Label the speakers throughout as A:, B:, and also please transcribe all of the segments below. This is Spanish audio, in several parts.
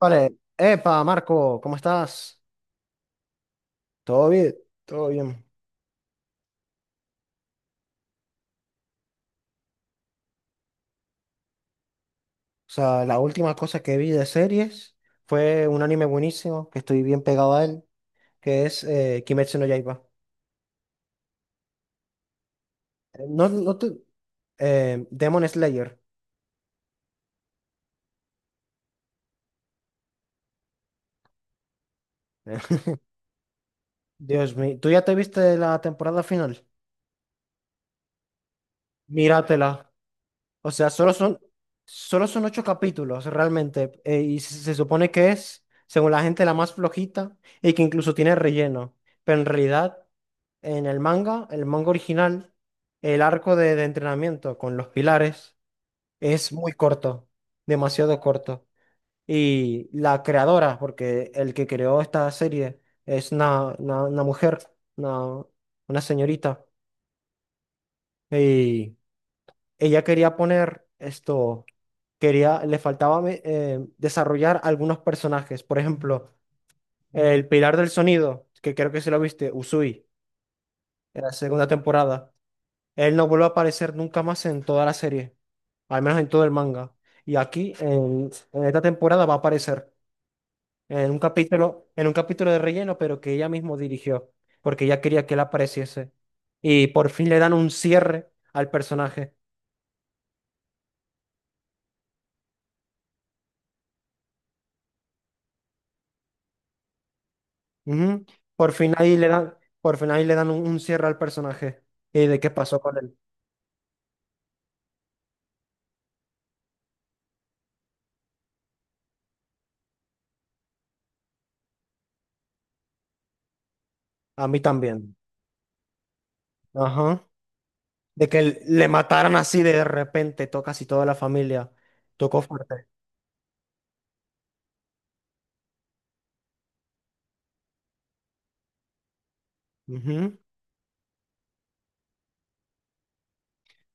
A: Vale, epa, Marco, ¿cómo estás? ¿Todo bien? Todo bien. O sea, la última cosa que vi de series fue un anime buenísimo, que estoy bien pegado a él, que es Kimetsu no Yaiba. No, no te- Demon Slayer. Dios mío, ¿tú ya te viste la temporada final? Míratela. O sea, solo son, solo son ocho capítulos realmente. Y se supone que es, según la gente, la más flojita y que incluso tiene relleno. Pero en realidad, en el manga original, el arco de entrenamiento con los pilares es muy corto, demasiado corto. Y la creadora, porque el que creó esta serie es una mujer, una, una señorita. Y ella quería poner esto. Quería desarrollar algunos personajes. Por ejemplo, el Pilar del Sonido, que creo que se lo viste, Usui, en la segunda temporada. Él no vuelve a aparecer nunca más en toda la serie, al menos en todo el manga. Y aquí, en esta temporada, va a aparecer en un capítulo de relleno, pero que ella mismo dirigió, porque ella quería que él apareciese. Y por fin le dan un cierre al personaje. Ujú. Por fin ahí le dan un cierre al personaje. ¿Y de qué pasó con él? A mí también. Ajá. De que le mataran así de repente, tocó casi toda la familia. Tocó fuerte. Ujú.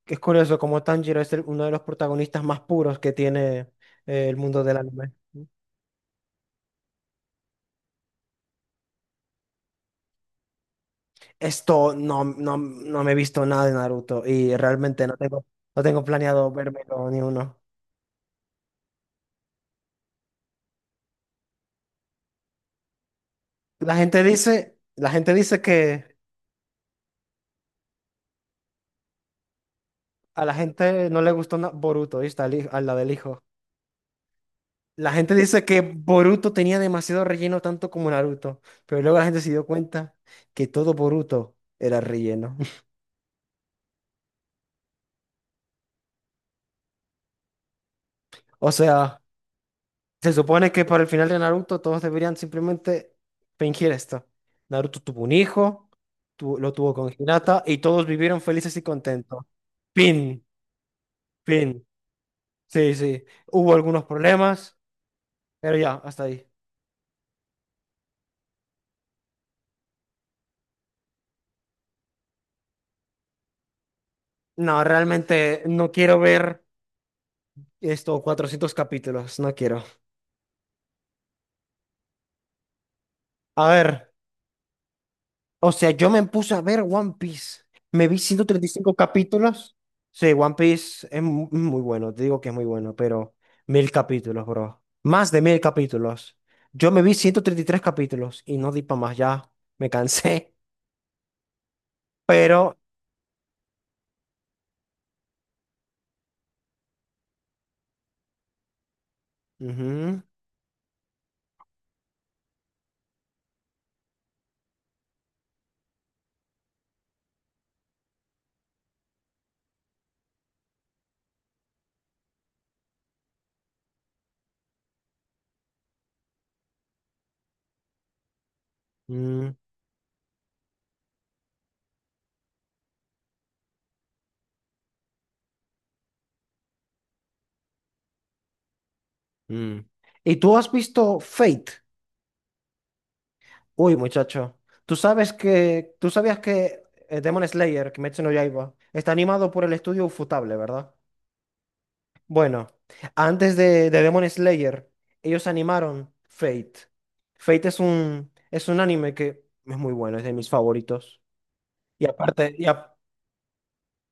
A: Que es curioso como Tanjiro es uno de los protagonistas más puros que tiene el mundo del anime. Esto no me he visto nada de Naruto y realmente no tengo, no tengo planeado vérmelo ni uno. La gente dice que a la gente no le gustó Boruto, ¿viste? A la del hijo. La gente dice que Boruto tenía demasiado relleno, tanto como Naruto. Pero luego la gente se dio cuenta que todo Boruto era relleno. O sea, se supone que para el final de Naruto todos deberían simplemente fingir esto. Naruto tuvo un hijo, lo tuvo con Hinata y todos vivieron felices y contentos. Fin, fin. Sí, sí. Hubo algunos problemas, pero ya, hasta ahí. No, realmente no quiero ver. Esto, 400 capítulos, no quiero. A ver, o sea, yo me puse a ver One Piece. Me vi ciento treinta y cinco capítulos. Sí, One Piece es muy bueno, te digo que es muy bueno, pero mil capítulos, bro. Más de mil capítulos. Yo me vi 133 capítulos y no di para más, ya me cansé. Pero... ujú, mm, mm. ¿Y tú has visto Fate? Uy, muchacho, tú sabías que Demon Slayer, Kimetsu no Yaiba, está animado por el estudio Ufotable, ¿verdad? Bueno, antes de Demon Slayer, ellos animaron Fate. Fate es un anime que es muy bueno, es de mis favoritos. Y aparte, y, ap-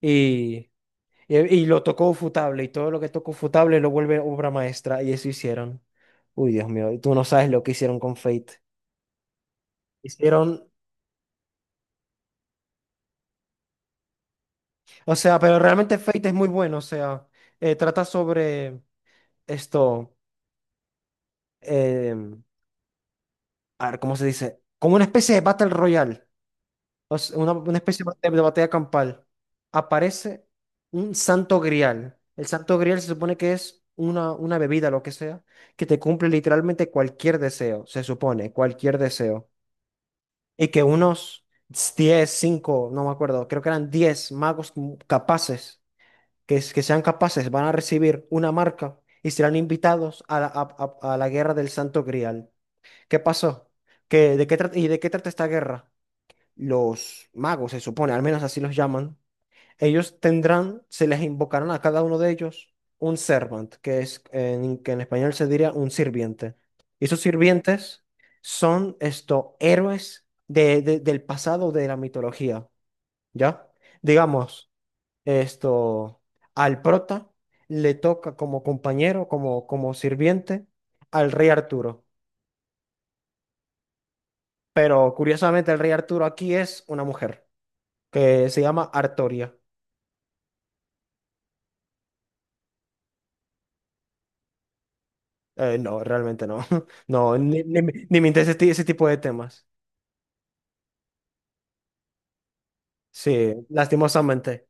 A: y, y- Y lo tocó Ufotable, y todo lo que tocó Ufotable lo vuelve obra maestra, y eso hicieron. Uy, Dios mío, tú no sabes lo que hicieron con Fate. Hicieron... O sea, pero realmente Fate es muy bueno, o sea, trata sobre esto, eh, a ver, ¿cómo se dice? Como una especie de Battle Royale, o sea, una especie de batalla campal. Aparece un santo grial. El santo grial se supone que es una bebida, lo que sea, que te cumple literalmente cualquier deseo, se supone, cualquier deseo. Y que unos 10 5, no me acuerdo, creo que eran 10 magos capaces que sean capaces, van a recibir una marca y serán invitados a a la guerra del Santo Grial. ¿Qué pasó? ¿Qué, de qué trata, ¿Y de qué trata esta guerra? Los magos, se supone, al menos así los llaman, ellos tendrán, se les invocarán a cada uno de ellos un servant, que en español se diría un sirviente. Y esos sirvientes son estos héroes del pasado de la mitología, ¿ya? Digamos. Esto, al prota le toca como compañero, como sirviente, al rey Arturo. Pero curiosamente el rey Arturo aquí es una mujer que se llama Artoria. No, realmente no. No, ni me interesa ese tipo de temas. Sí, lastimosamente.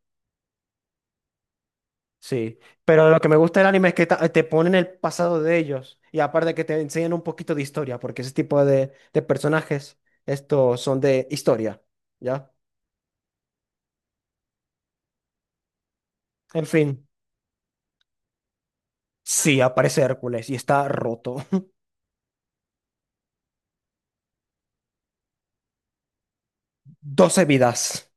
A: Sí. Pero lo que me gusta del anime es que te ponen el pasado de ellos. Y aparte que te enseñan un poquito de historia, porque ese tipo de personajes, estos son de historia. ¿Ya? En fin. Sí, aparece Hércules y está roto. Doce vidas.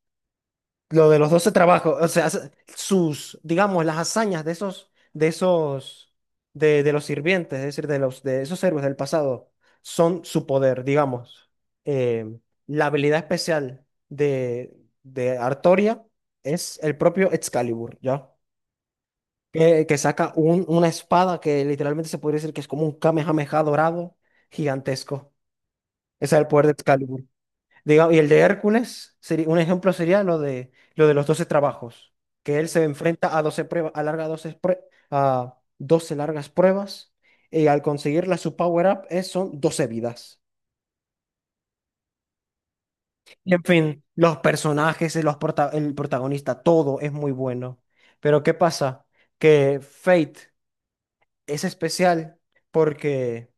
A: Lo de los 12 trabajos, o sea, sus, digamos, las hazañas de esos, de los sirvientes, es decir, de los, de esos héroes del pasado, son su poder, digamos. Eh, la habilidad especial de Artoria es el propio Excalibur, ¿ya? Que saca una espada que literalmente se podría decir que es como un Kamehameha dorado gigantesco. Ese es el poder de Excalibur. Digamos, y el de Hércules, sería, un ejemplo sería lo de los doce trabajos, que él se enfrenta a 12 pruebas, a 12 largas pruebas, y al conseguirla su power-up son 12 vidas. Y en fin, los personajes, el protagonista, todo es muy bueno. Pero ¿qué pasa? Que Fate es especial porque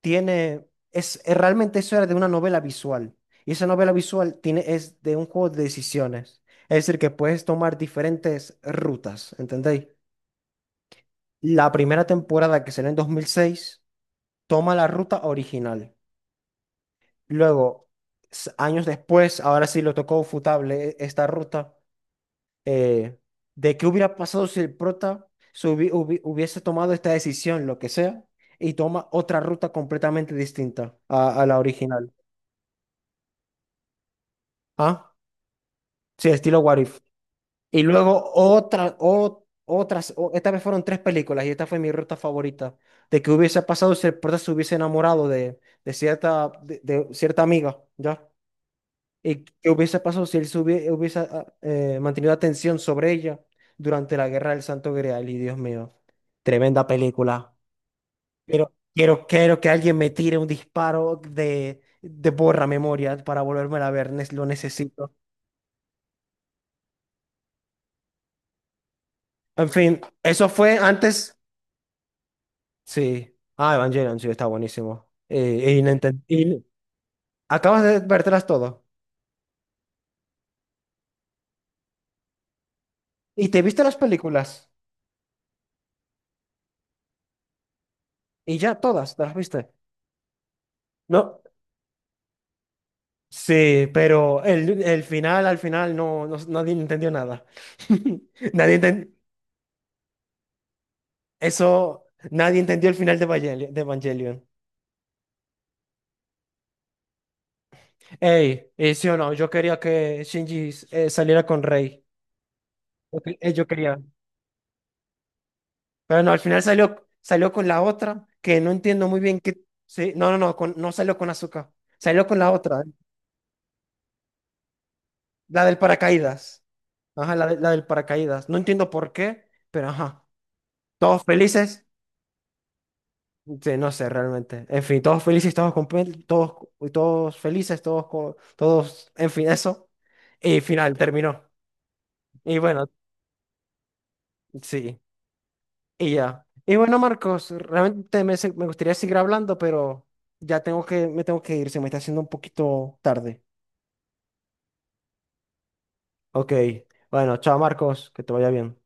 A: tiene, realmente eso era de una novela visual. Y esa novela visual tiene, es de un juego de decisiones. Es decir, que puedes tomar diferentes rutas, ¿entendéis? La primera temporada, que será en dos mil seis, toma la ruta original. Luego, años después, ahora sí lo tocó Futable esta ruta, eh, de qué hubiera pasado si el prota hubiese tomado esta decisión, lo que sea, y toma otra ruta completamente distinta a la original. ¿Ah? Sí, estilo What If. Y luego otra, o- otras, o- esta vez fueron tres películas y esta fue mi ruta favorita. De que hubiese pasado si el prota se hubiese enamorado de cierta, de cierta amiga, ¿ya? Y qué hubiese pasado si él hubiese, mantenido atención sobre ella durante la Guerra del Santo Grial. Y Dios mío, tremenda película. Quiero que alguien me tire un disparo de borra memoria para volverme a ver, lo necesito. En fin, eso fue antes. Sí. Ah, Evangelion, sí, está buenísimo. Y no enten- y acabas de vértelas todo. Y te viste las películas. Y ya todas, te las viste. No. Sí, pero el final, al final, nadie entendió nada. Nadie enten- Eso, nadie entendió el final de Evangelion. De Evangelion. Sí o no, yo quería que Shinji saliera con Rey. Yo quería. Pero no, al final salió, salió con la otra, que no entiendo muy bien qué. Sí, no salió con azúcar. Salió con la otra, la del paracaídas. Ajá, la del paracaídas. No entiendo por qué, pero ajá. Todos felices. Sí, no sé realmente. En fin, todos felices, todos felices, en fin, eso. Y final terminó. Y bueno, sí. Y ya. Y bueno, Marcos, realmente me gustaría seguir hablando, pero me tengo que ir, se me está haciendo un poquito tarde. Ok. Bueno, chao, Marcos, que te vaya bien.